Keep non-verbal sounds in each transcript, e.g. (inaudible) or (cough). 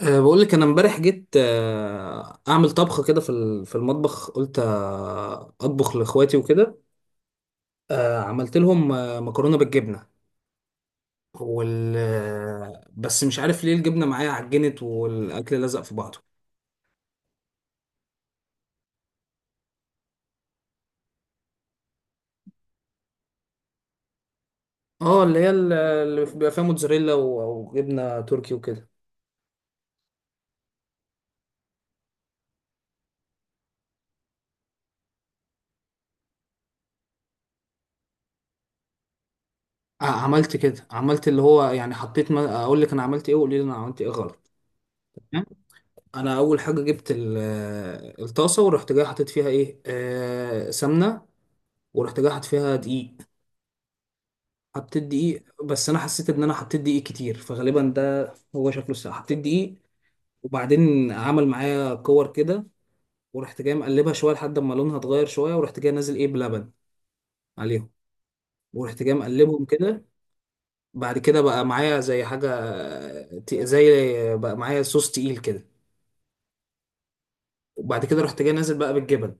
بقول لك انا امبارح جيت، اعمل طبخه كده في المطبخ. قلت، اطبخ لاخواتي وكده. عملت لهم، مكرونه بالجبنه. وال آه، بس مش عارف ليه الجبنه معايا عجنت والاكل لزق في بعضه. اه، اللي هي اللي بيبقى فيها موتزاريلا وجبنه تركي وكده. عملت كده، عملت اللي هو يعني حطيت. ما اقول لك انا عملت ايه وقولي لي انا عملت ايه غلط. تمام؟ انا اول حاجه جبت الطاسه. ورحت جاي حطيت فيها ايه، سمنه. ورحت جاي حاطط فيها دقيق. حطيت دقيق بس انا حسيت ان انا حطيت دقيق كتير، فغالبا ده هو شكله الساعه حطيت دقيق. وبعدين عمل معايا كور كده. ورحت جاي مقلبها شويه لحد ما لونها اتغير شويه. ورحت جاي نازل ايه بلبن عليهم. ورحت جاي مقلبهم كده. بعد كده بقى معايا زي حاجه، ت- زي بقى معايا صوص تقيل كده. وبعد كده رحت جاي نازل بقى بالجبن.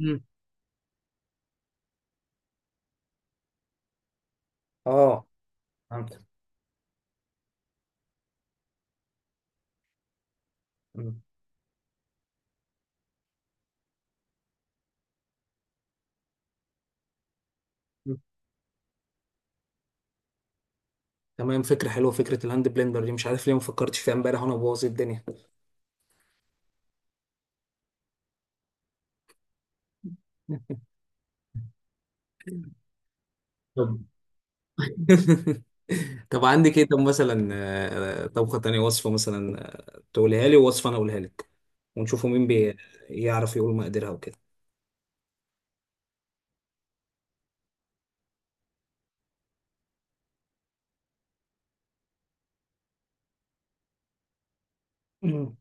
مم. اه فهمت. مم. مم. تمام. فكره حلوه. فكره الهاند بلندر دي مش عارف ليه ما فكرتش فيها امبارح وانا بوظ الدنيا. طب. (laughs) طب عندك ايه؟ طب مثلا، طبخة تانية، وصفة مثلا، تقولها لي، ووصفة انا اقولها لك. ونشوفوا مين بيعرف يقول مقاديرها وكده. مم.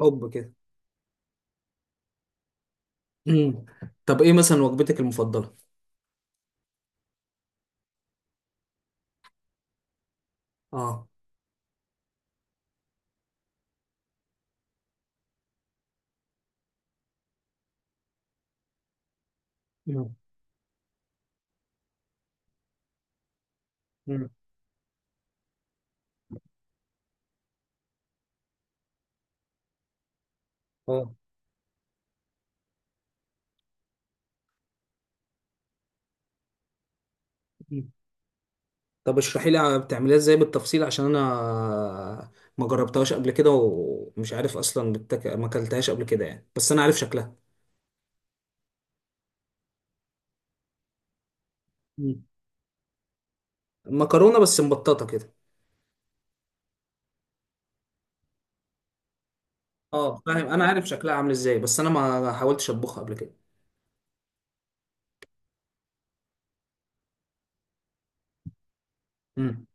حب كده. مم. طب ايه مثلا وجبتك المفضلة؟ اه. مم. مم. اه. مم. طب اشرحي لي بتعمليها ازاي بالتفصيل، عشان انا ما جربتهاش قبل كده ومش عارف اصلا ما اكلتهاش قبل كده يعني. بس انا عارف شكلها. مم. مكرونة بس مبططة كده. اه فاهم. انا عارف شكلها عامل ازاي بس انا ما حاولتش اطبخها قبل كده. امم.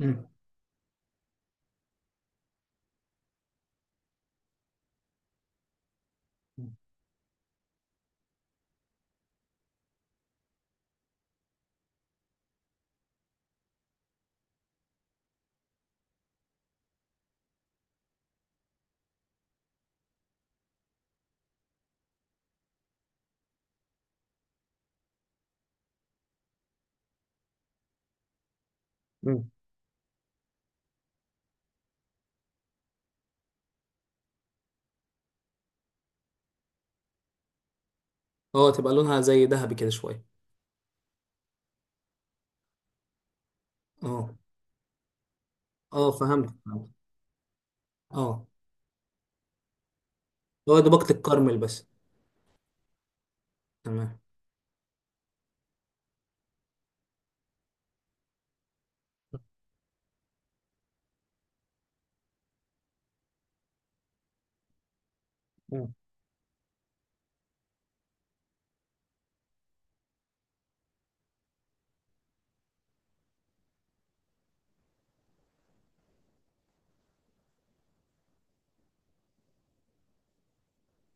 امم. مم. اه، تبقى لونها زي ذهبي كده شويه. اه. اه فهمت فهمت. اه. هو دوبك الكرمل بس. تمام.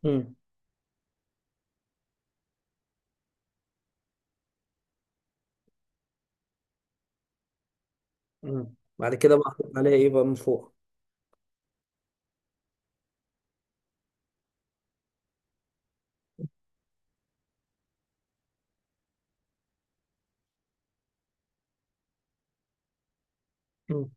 امم. امم. بعد كده بقى احط عليها ايه بقى من فوق؟ مم.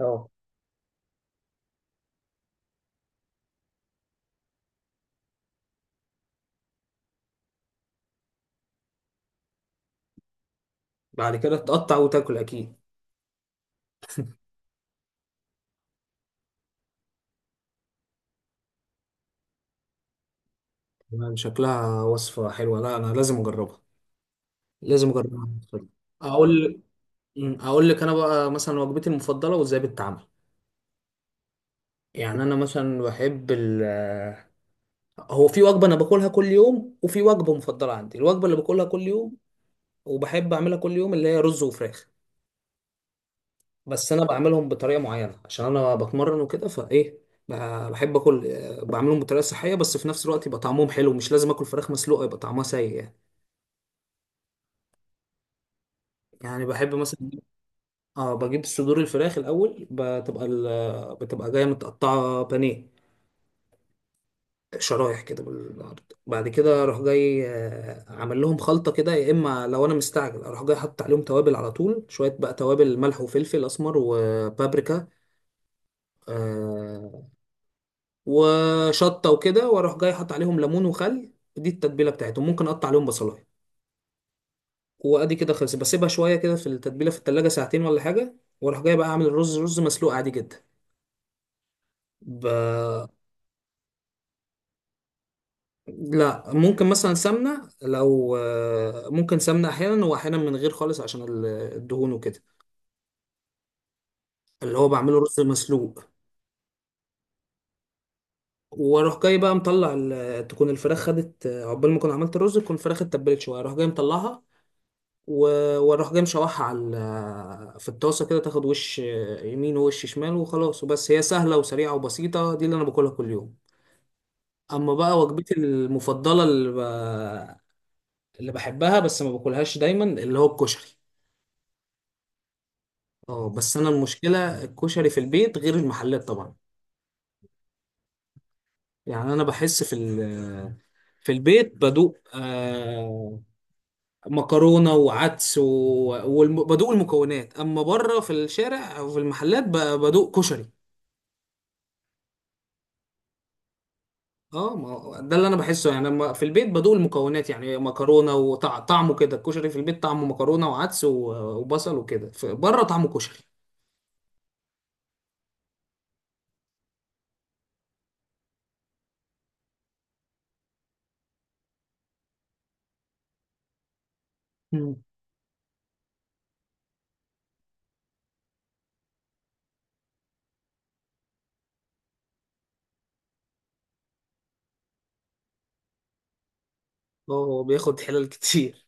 اه. بعد كده تقطع وتاكل اكيد. تمام، شكلها وصفة حلوة. لا، انا لازم اجربها. لازم اجربها. اقول اقول لك انا بقى مثلا وجبتي المفضلة وازاي بتتعمل. يعني انا مثلا بحب هو في وجبة أنا باكلها كل يوم، وفي وجبة مفضلة عندي. الوجبة اللي باكلها كل يوم وبحب أعملها كل يوم اللي هي رز وفراخ. بس أنا بعملهم بطريقة معينة عشان أنا بتمرن وكده، فإيه، بحب آكل، بعملهم بطريقة صحية بس في نفس الوقت يبقى طعمهم حلو. مش لازم آكل فراخ مسلوقة يبقى طعمها سيء يعني. يعني بحب مثلا بجيب صدور الفراخ الأول. بتبقى جاية متقطعة بانيه، شرايح كده بالعرض. بعد كده اروح جاي، عامل لهم خلطه كده، يا اما لو انا مستعجل اروح جاي حاطط عليهم توابل على طول. شويه بقى توابل، ملح وفلفل اسمر وبابريكا آه، وشطه وكده. واروح جاي حاطط عليهم ليمون وخل. دي التتبيله بتاعتهم. ممكن اقطع عليهم بصلايه. وادي كده خلصت. بسيبها شويه كده في التتبيله في التلاجة ساعتين ولا حاجه. واروح جاي بقى اعمل الرز. رز مسلوق عادي جدا. ب... لا، ممكن مثلا سمنة لو، ممكن سمنة أحيانا، وأحيانا من غير خالص عشان الدهون وكده. اللي هو بعمله رز مسلوق. وأروح جاي بقى مطلع تكون الفراخ خدت، عقبال ما أكون عملت الرز تكون الفراخ اتبلت شوية. أروح جاي مطلعها وأروح جاي مشوحها على في الطاسة كده. تاخد وش، يمين ووش شمال وخلاص وبس. هي سهلة وسريعة وبسيطة. دي اللي أنا باكلها كل يوم. أما بقى وجبتي المفضلة اللي بحبها بس ما باكلهاش دايما، اللي هو الكشري. اه بس انا المشكله الكشري في البيت غير المحلات طبعا. يعني انا بحس في البيت بدوق مكرونه وعدس، وبدوق المكونات، اما بره في الشارع او في المحلات بدوق كشري. اه، ما هو ده اللي انا بحسه. يعني لما في البيت بدوق المكونات يعني مكرونه وطعمه كده. الكشري في البيت طعمه مكرونه وعدس وبصل وكده، بره طعمه كشري. مم. اه هو بياخد حلال كتير.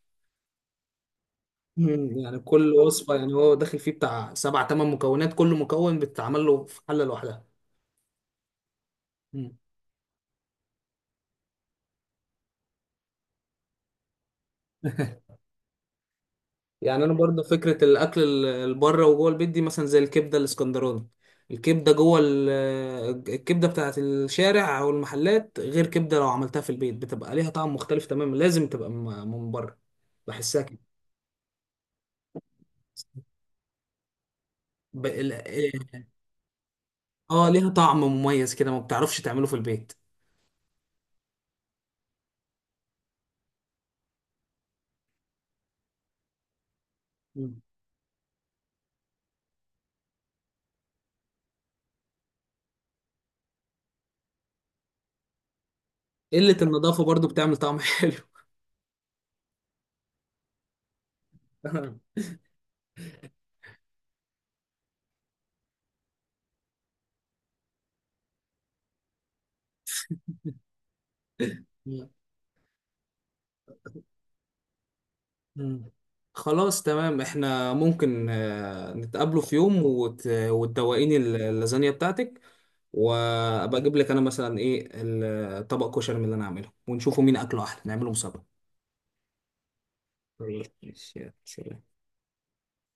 مم. يعني كل وصفة، يعني هو داخل فيه بتاع سبع تمن مكونات، كل مكون بتتعمل له في حلة لوحدها. مم. (laughs) يعني انا برضه فكرة الاكل اللي بره وجوه البيت دي، مثلا زي الكبدة الاسكندراني. الكبدة جوه ال- الكبدة بتاعت الشارع او المحلات غير كبدة لو عملتها في البيت، بتبقى ليها طعم مختلف تماما. لازم تبقى من بره. بحسها كده. ب... ال- اه، ليها طعم مميز كده ما بتعرفش تعمله في البيت. مم. قلة النظافة برضه بتعمل طعم (laughs) حلو. (laughs) مم. خلاص تمام. احنا ممكن، نتقابلوا في يوم وتدوقيني اللازانيا بتاعتك. وابقى اجيب لك انا مثلا ايه، الطبق كشري من اللي انا عامله، ونشوفوا مين اكله احلى. نعمله مسابقة. طيب، ماشي، يلا، سلام.